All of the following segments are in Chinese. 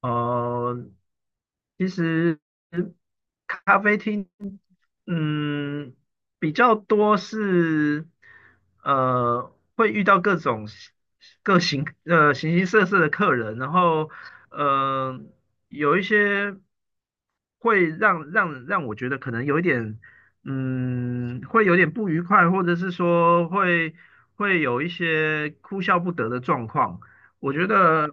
呃，其实咖啡厅，嗯，比较多是，会遇到各种形各形呃形形色色的客人，然后，呃，有一些会让我觉得可能有一点，嗯，会有点不愉快，或者是说会有一些哭笑不得的状况，我觉得。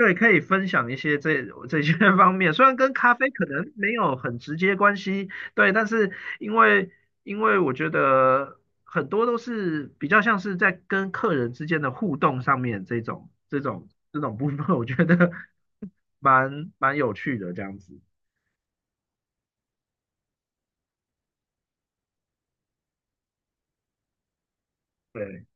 对，可以分享一些这些 方面，虽然跟咖啡可能没有很直接关系，对，但是因为因为我觉得很多都是比较像是在跟客人之间的互动上面这种部分，我觉得 蛮有趣的这样子。对，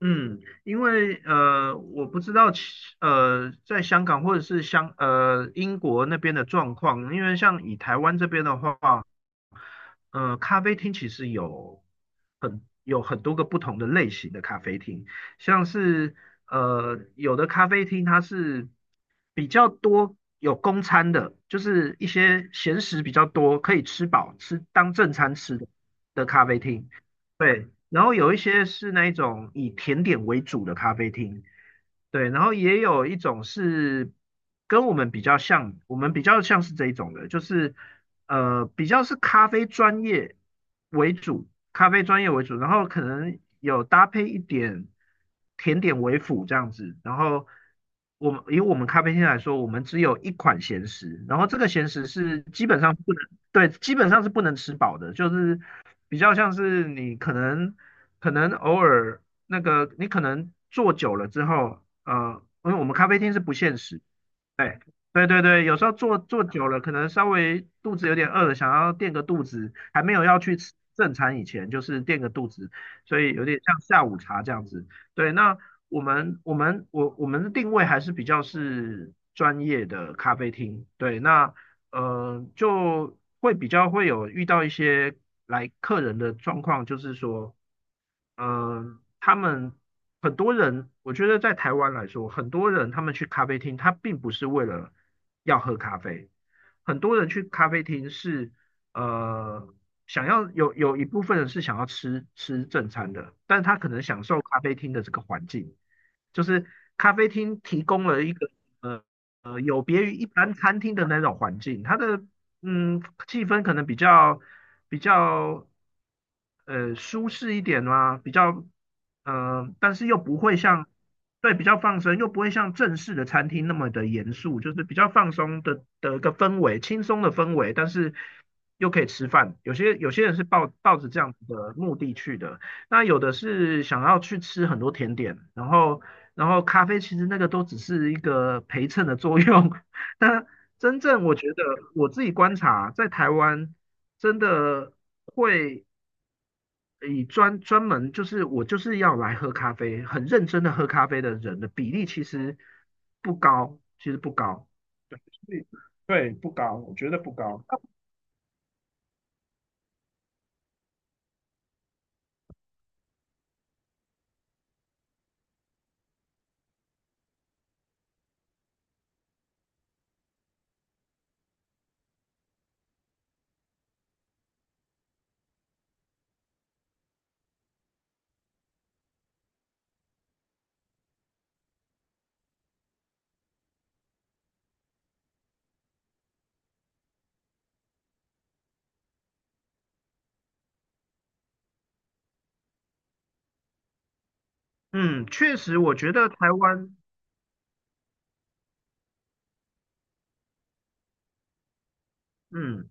嗯，因为我不知道在香港或者是英国那边的状况，因为像以台湾这边的话。咖啡厅其实有很多个不同的类型的咖啡厅，像是有的咖啡厅它是比较多有公餐的，就是一些闲食比较多，可以吃饱当正餐吃的咖啡厅，对。然后有一些是那一种以甜点为主的咖啡厅，对，然后也有一种是跟我们比较像，我们比较像是这一种的，就是比较是咖啡专业为主，咖啡专业为主，然后可能有搭配一点甜点为辅这样子。然后我们以我们咖啡厅来说，我们只有一款咸食，然后这个咸食是基本上不能，对，基本上是不能吃饱的，就是比较像是你可能。可能偶尔那个你可能坐久了之后，因为我们咖啡厅是不限时，对对,有时候坐久了，可能稍微肚子有点饿了，想要垫个肚子，还没有要去吃正餐以前，就是垫个肚子，所以有点像下午茶这样子。对，那我们的定位还是比较是专业的咖啡厅，对，那就比较会有遇到一些来客人的状况，就是说。嗯，他们很多人，我觉得在台湾来说，很多人他们去咖啡厅，他并不是为了要喝咖啡，很多人去咖啡厅是呃想要有一部分人是想要吃正餐的，但他可能享受咖啡厅的这个环境，就是咖啡厅提供了一个呃有别于一般餐厅的那种环境，它的嗯气氛可能比较舒适一点嘛，但是又不会像对比较放松，又不会像正式的餐厅那么的严肃，就是比较放松的一个氛围，轻松的氛围，但是又可以吃饭。有些人是抱着这样子的目的去的，那有的是想要去吃很多甜点，然后咖啡其实那个都只是一个陪衬的作用，但真正我觉得我自己观察在台湾真的会。以专门就是我就是要来喝咖啡，很认真的喝咖啡的人的比例其实不高，其实不高。对，所以对，不高，我觉得不高。嗯，确实，我觉得台湾，嗯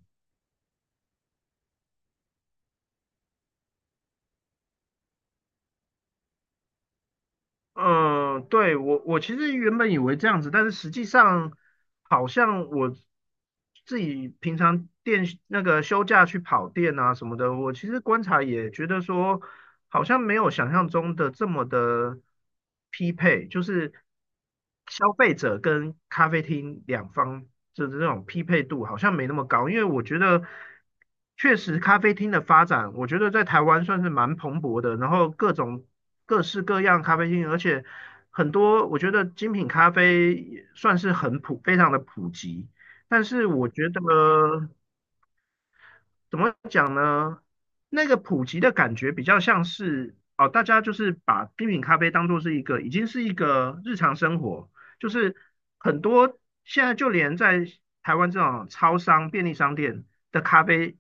对我其实原本以为这样子，但是实际上好像我自己平常店那个休假去跑店啊什么的，我其实观察也觉得说，好像没有想象中的这么的匹配，就是消费者跟咖啡厅两方的这种匹配度好像没那么高，因为我觉得确实咖啡厅的发展，我觉得在台湾算是蛮蓬勃的，然后各种各式各样咖啡厅，而且很多我觉得精品咖啡算是很普，非常的普及，但是我觉得。怎么讲呢？那个普及的感觉比较像是哦，大家就是把精品咖啡当做是一个，已经是一个日常生活，就是很多现在就连在台湾这种超商、便利商店的咖啡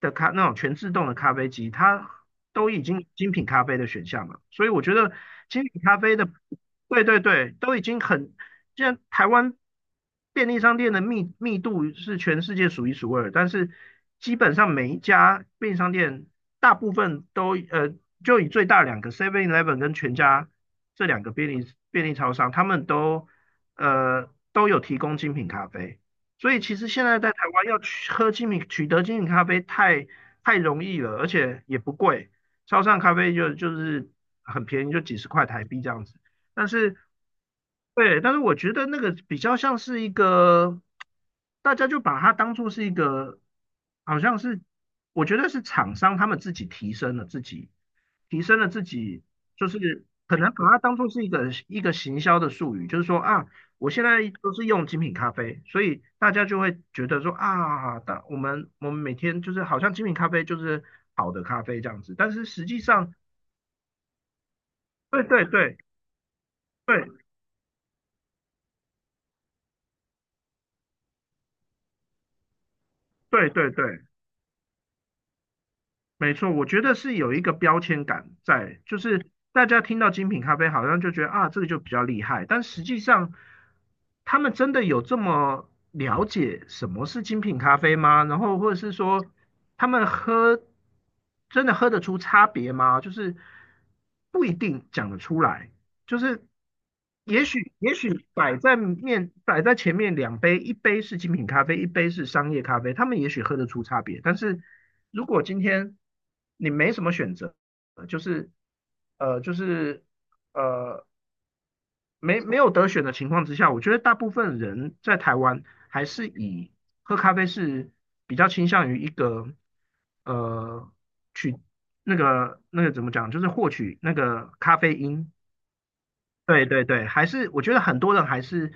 的咖那种全自动的咖啡机，它都已经精品咖啡的选项了。所以我觉得精品咖啡的，对对对，都已经很既然台湾便利商店的密度是全世界数一数二，但是基本上每一家便利商店大部分都就以最大两个 Seven Eleven 跟全家这两个便利超商，他们都都有提供精品咖啡，所以其实现在在台湾要取得精品咖啡太容易了，而且也不贵，超商咖啡就是很便宜，就几十块台币这样子。但是，对，但是我觉得那个比较像是一个，大家就把它当做是一个，好像是，我觉得是厂商他们自己提升了自己，提升了自己，就是可能把它当做是一个行销的术语，就是说啊，我现在都是用精品咖啡，所以大家就会觉得说啊，但我们每天就是好像精品咖啡就是好的咖啡这样子，但是实际上，对对对对对。没错，我觉得是有一个标签感在，就是大家听到精品咖啡好像就觉得啊，这个就比较厉害，但实际上他们真的有这么了解什么是精品咖啡吗？然后或者是说他们喝真的喝得出差别吗？就是不一定讲得出来。就是也许摆在前面两杯，一杯是精品咖啡，一杯是商业咖啡，他们也许喝得出差别。但是如果今天你没什么选择，呃就是呃就是呃没没有得选的情况之下，我觉得大部分人在台湾还是以喝咖啡是比较倾向于一个呃取那个怎么讲，就是获取那个咖啡因对,还是我觉得很多人还是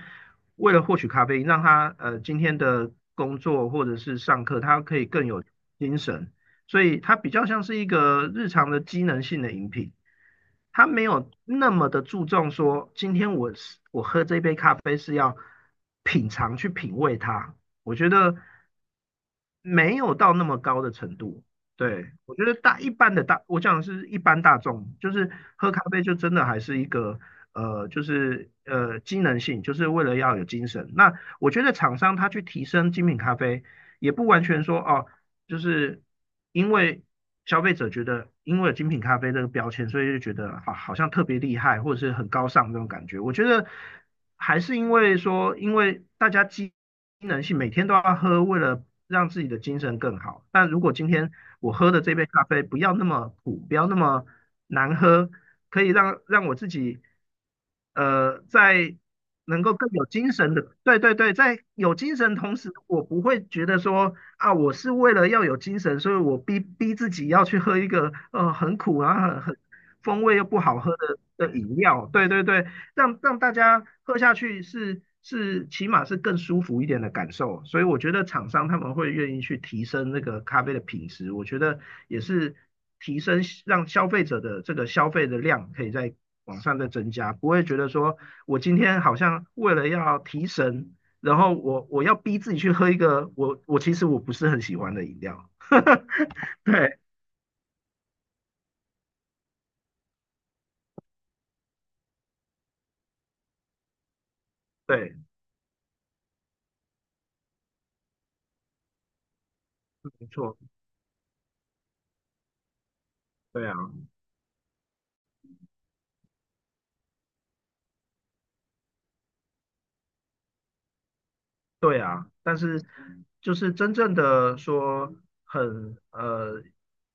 为了获取咖啡因，让他今天的工作或者是上课，他可以更有精神，所以它比较像是一个日常的机能性的饮品，他没有那么的注重说今天我喝这杯咖啡是要品尝去品味它，我觉得没有到那么高的程度。对，我觉得大一般的大，我讲的是一般大众，就是喝咖啡就真的还是一个就是机能性，就是为了要有精神。那我觉得厂商他去提升精品咖啡，也不完全说哦，就是因为消费者觉得，因为有精品咖啡这个标签，所以就觉得好好像特别厉害，或者是很高尚这种感觉。我觉得还是因为说，因为大家机能性每天都要喝，为了让自己的精神更好。但如果今天我喝的这杯咖啡不要那么苦，不要那么难喝，可以让我自己呃在能够更有精神的，对,在有精神同时，我不会觉得说啊，我是为了要有精神，所以我逼自己要去喝一个很苦啊，很风味又不好喝的饮料，对,让大家喝下去起码是更舒服一点的感受，所以我觉得厂商他们会愿意去提升那个咖啡的品质，我觉得也是提升让消费者的这个消费的量可以在往上再增加，不会觉得说我今天好像为了要提神，然后我要逼自己去喝一个我其实不是很喜欢的饮料，对对，没错，对啊。对啊，但是就是真正的说很呃，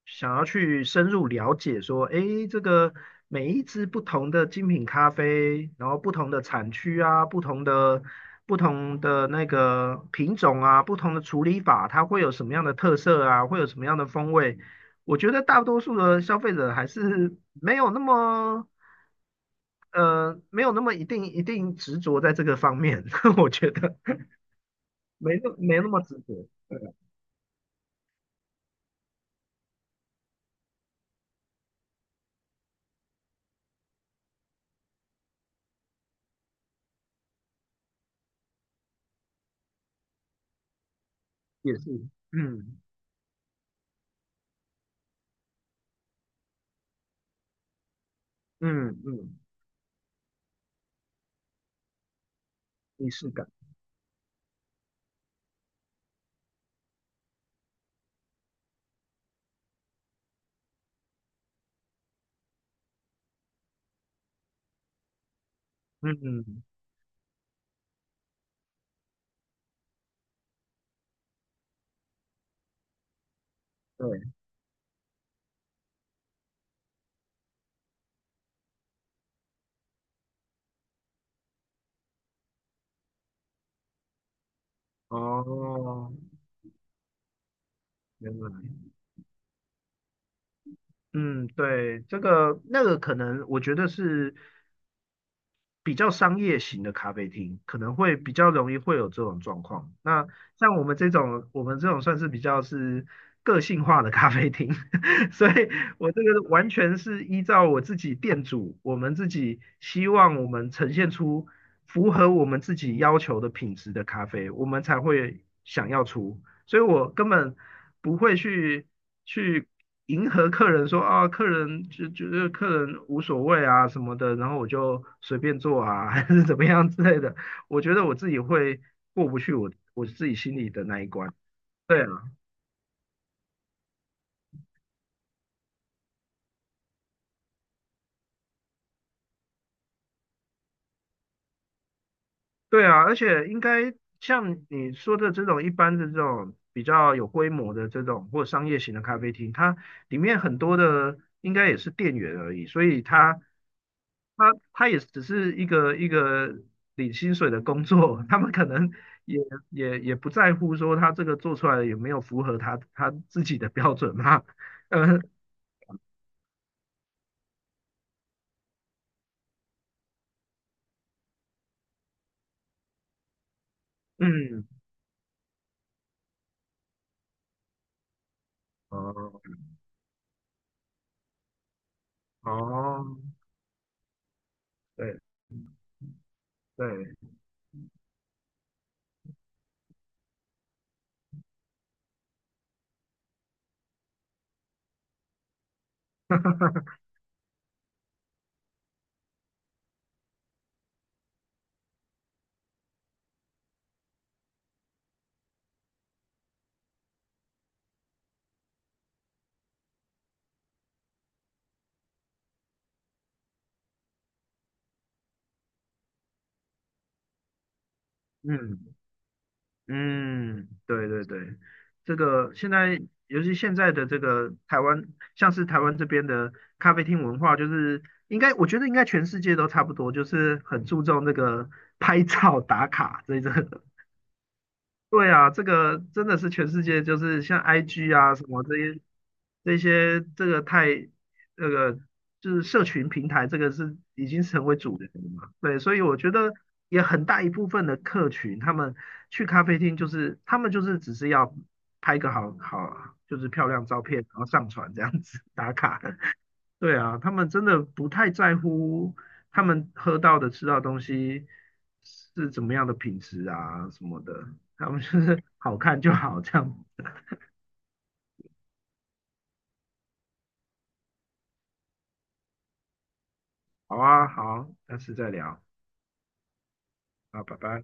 想要去深入了解说，诶，这个每一支不同的精品咖啡，然后不同的产区啊，不同的那个品种啊，不同的处理法，它会有什么样的特色啊，会有什么样的风味？我觉得大多数的消费者还是没有那么没有那么一定执着在这个方面，我觉得没那么执着。也是，嗯嗯,仪式感，嗯，嗯，对，哦，原来，嗯，对，这个那个可能，我觉得是比较商业型的咖啡厅，可能会比较容易会有这种状况。那像我们这种，我们这种算是比较是个性化的咖啡厅，所以我这个完全是依照我自己店主，我们自己希望我们呈现出符合我们自己要求的品质的咖啡，我们才会想要出。所以我根本不会去迎合客人说啊，客人就觉得客人无所谓啊什么的，然后我就随便做啊，还是怎么样之类的。我觉得我自己会过不去我自己心里的那一关。对啊对啊,而且应该像你说的这种一般的这种比较有规模的这种或商业型的咖啡厅，它里面很多的应该也是店员而已，所以他他也只是一个领薪水的工作，他们可能也也不在乎说他这个做出来有没有符合他自己的标准嘛，嗯嗯，哦哦，对对，嗯。嗯。对对对，这个现在，尤其现在的这个台湾，像是台湾这边的咖啡厅文化，就是应该，我觉得应该全世界都差不多，就是很注重那个拍照打卡这一个 对啊，这个真的是全世界，就是像 IG 啊什么这些，这个太那个就是社群平台，这个是已经成为主流了嘛。对，所以我觉得也很大一部分的客群，他们去咖啡厅就是他们就是只是要拍个就是漂亮照片，然后上传这样子打卡。对啊，他们真的不太在乎他们喝到的、吃到的东西是怎么样的品质啊什么的，他们就是好看就好，这样。好啊，好，下次再聊啊，拜拜。